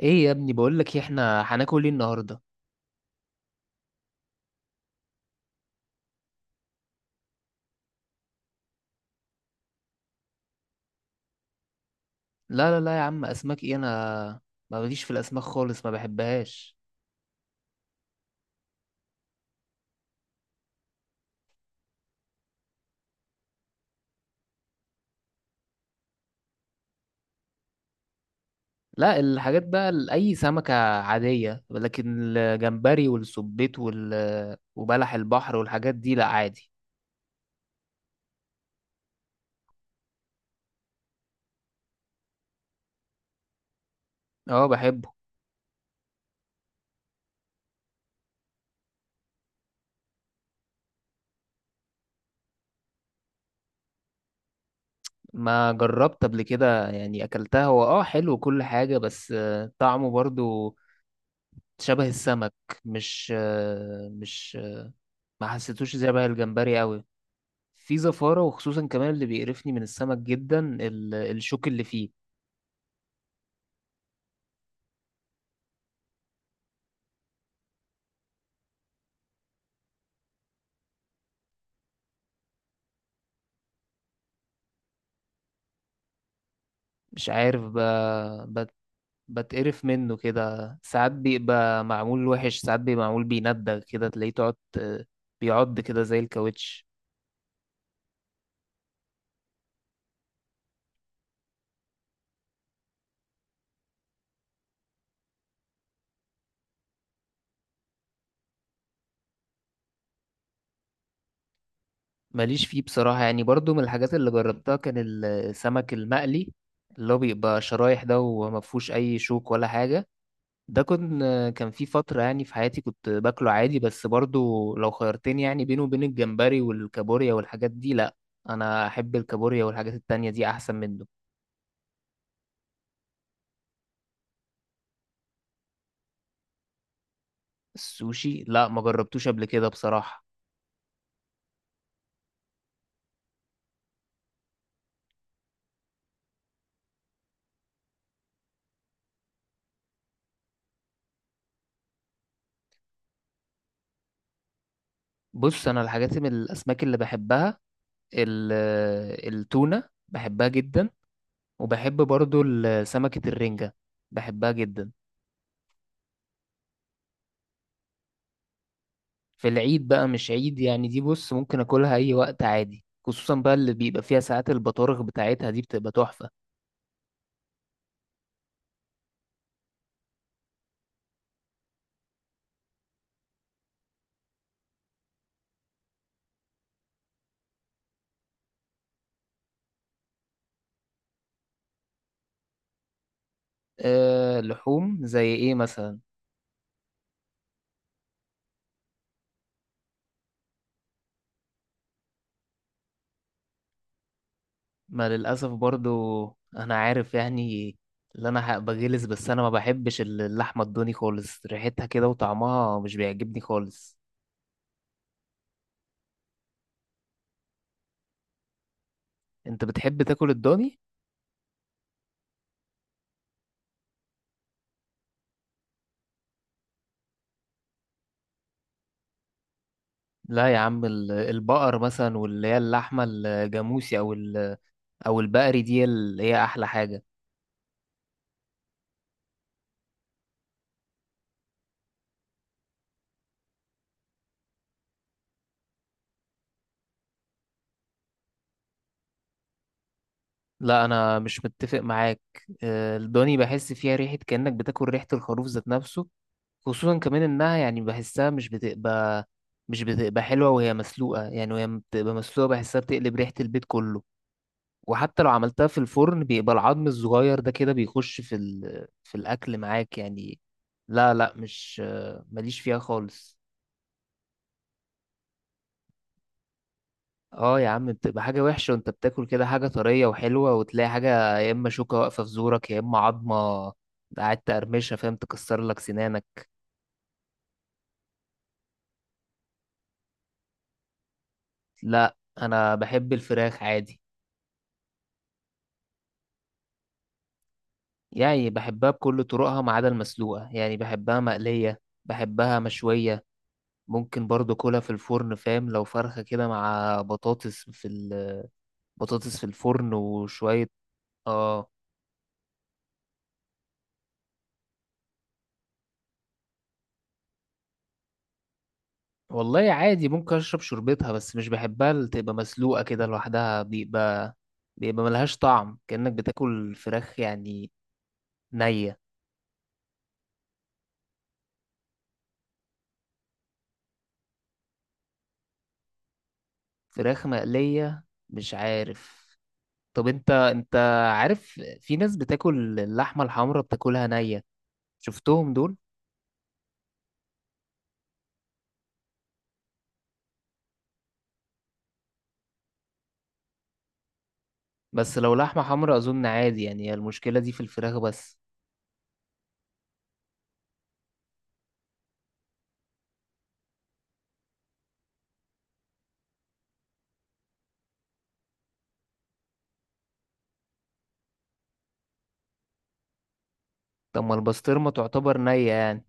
ايه يا ابني، بقول لك إيه، احنا هناكل ايه النهارده؟ لا لا لا يا عم، اسماك ايه انا؟ ما بديش في الاسماك خالص، ما بحبهاش. لا الحاجات بقى اي سمكه عاديه، لكن الجمبري والسبيط وبلح البحر والحاجات دي لا عادي. اه بحبه. ما جربت قبل كده يعني، اكلتها. هو اه حلو كل حاجه، بس طعمه برضو شبه السمك. مش آه، مش آه، ما حسيتوش زي بقى الجمبري قوي. في زفارة، وخصوصا كمان اللي بيقرفني من السمك جدا الشوك اللي فيه. مش عارف بت... بتقرف منه كده ساعات، بيبقى معمول وحش، ساعات بيبقى معمول بيندغ كده، تلاقيه تقعد بيعض كده زي الكاوتش. ماليش فيه بصراحة، يعني برضو من الحاجات اللي جربتها كان السمك المقلي، اللي هو بيبقى شرايح ده ومفهوش أي شوك ولا حاجة. ده كان في فترة يعني في حياتي كنت باكله عادي، بس برضو لو خيرتني يعني بينه وبين الجمبري والكابوريا والحاجات دي لا. انا احب الكابوريا والحاجات التانية دي احسن منه. السوشي لا، ما جربتوش قبل كده بصراحة. بص، انا الحاجات من الاسماك اللي بحبها، ال- التونة بحبها جدا، وبحب برضو سمكة الرنجة، بحبها جدا. في العيد بقى؟ مش عيد يعني، دي بص ممكن اكلها اي وقت عادي، خصوصا بقى اللي بيبقى فيها ساعات البطارخ بتاعتها دي، بتبقى تحفة. أه لحوم زي ايه مثلا؟ ما للاسف برضو، انا عارف يعني اللي انا بغلس، بس انا ما بحبش اللحمه الضاني خالص، ريحتها كده وطعمها مش بيعجبني خالص. انت بتحب تاكل الضاني؟ لا يا عم، البقر مثلا، واللي هي اللحمه الجاموسي او او البقري دي، اللي هي احلى حاجه. لا انا مش متفق معاك. أه الضاني بحس فيها ريحه، كانك بتاكل ريحه الخروف ذات نفسه. خصوصا كمان انها يعني بحسها مش بتبقى حلوة وهي مسلوقة، يعني وهي بتبقى مسلوقة بحسها بتقلب ريحة البيت كله. وحتى لو عملتها في الفرن بيبقى العظم الصغير ده كده بيخش في في الأكل معاك يعني. لا لا مش ماليش فيها خالص. اه يا عم بتبقى حاجة وحشة، وانت بتاكل كده حاجة طرية وحلوة، وتلاقي حاجة يا اما شوكة واقفة في زورك يا اما عظمة قاعد تقرمشها، فاهم، تكسر لك سنانك. لا، انا بحب الفراخ عادي. يعني بحبها بكل طرقها ما عدا المسلوقة، يعني بحبها مقلية، بحبها مشوية. ممكن برضو كلها في الفرن، فاهم، لو فرخة كده مع بطاطس في بطاطس في الفرن وشوية. اه والله عادي، ممكن اشرب شوربتها، بس مش بحبها اللي تبقى مسلوقة كده لوحدها، بيبقى ملهاش طعم، كأنك بتاكل فراخ يعني نية. فراخ مقلية؟ مش عارف. طب انت عارف في ناس بتاكل اللحمة الحمرا بتاكلها نية؟ شفتهم دول؟ بس لو لحمة حمرا أظن عادي، يعني هي المشكلة دي في الفراخ بس. طب ما البسطرمة تعتبر نية يعني؟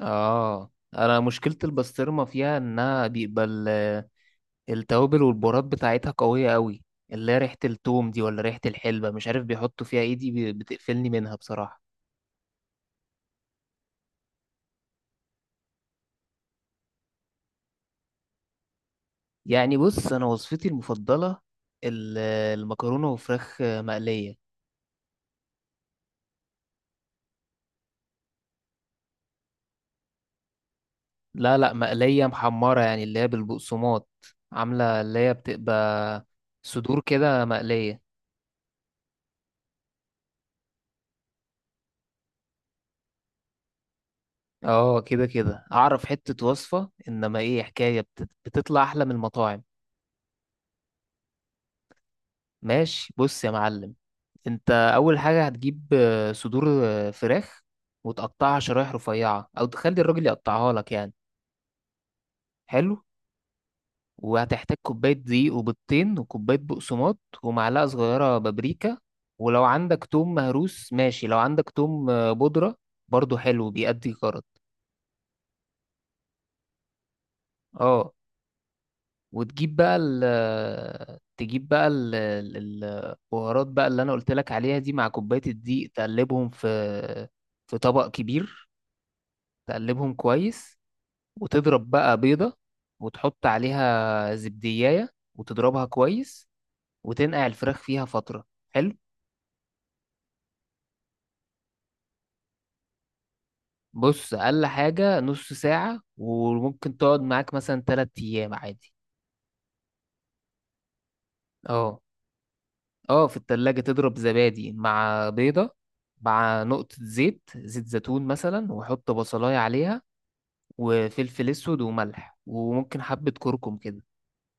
آه، أنا مشكلة البسطرمة فيها إنها بيبقى التوابل والبهارات بتاعتها قوية أوي، اللي هي ريحة التوم دي ولا ريحة الحلبة، مش عارف بيحطوا فيها إيه، دي بتقفلني منها بصراحة. يعني بص أنا وصفتي المفضلة، ال- المكرونة وفراخ مقلية. لا لا، مقلية محمرة، يعني اللي هي بالبقسماط، عاملة اللي هي بتبقى صدور كده مقلية. اه كده كده، اعرف حتة وصفة، انما ايه حكاية، بتطلع احلى من المطاعم. ماشي بص يا معلم، انت اول حاجة هتجيب صدور فراخ، وتقطعها شرايح رفيعة او تخلي الراجل يقطعها لك يعني. حلو. وهتحتاج كوباية دقيق وبيضتين وكوباية بقسماط ومعلقة صغيرة بابريكا، ولو عندك توم مهروس ماشي، لو عندك توم بودرة برضو حلو، بيأدي غرض. اه. وتجيب بقى ال تجيب بقى ال- ال- البهارات بقى اللي انا قلت لك عليها دي مع كوباية الدقيق، تقلبهم في في طبق كبير، تقلبهم كويس، وتضرب بقى بيضة وتحط عليها زبدية، وتضربها كويس، وتنقع الفراخ فيها فترة. حلو. بص، اقل حاجه نص ساعه، وممكن تقعد معاك مثلا تلات ايام عادي. اه. اه، في التلاجة تضرب زبادي مع بيضه، مع نقطه زيت زيتون مثلا، وحط بصلايه عليها وفلفل اسود وملح، وممكن حبه كركم كده.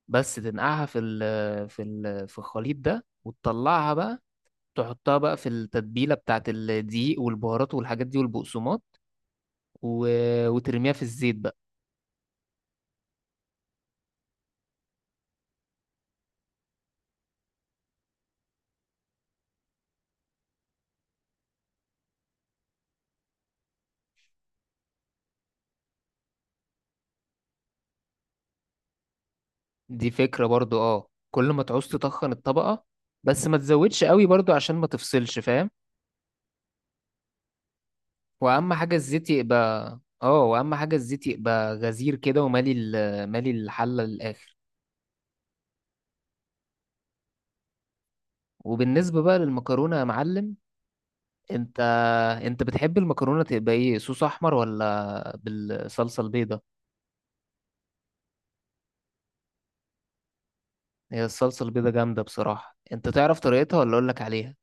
بس تنقعها في ال في ال في الخليط ده، وتطلعها بقى، تحطها بقى في التتبيله بتاعت الدقيق والبهارات والحاجات دي والبقسماط، و... وترميها في الزيت بقى. دي فكرة برضو، اه، كل ما تعوز تطخن الطبقة، بس ما تزودش قوي برضو عشان ما تفصلش، فاهم. واهم حاجة الزيت يبقى غزير كده، ومالي مالي الحلة للآخر. وبالنسبة بقى للمكرونة يا معلم، انت انت بتحب المكرونة تبقى ايه، صوص احمر ولا بالصلصة البيضة؟ هي الصلصة البيضة جامدة بصراحة، انت تعرف طريقتها ولا اقولك عليها؟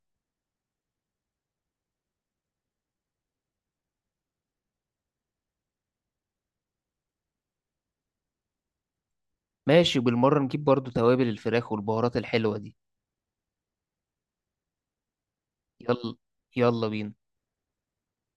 ماشي، وبالمرة نجيب برضو توابل الفراخ والبهارات الحلوة دي. يلا، يلا بينا.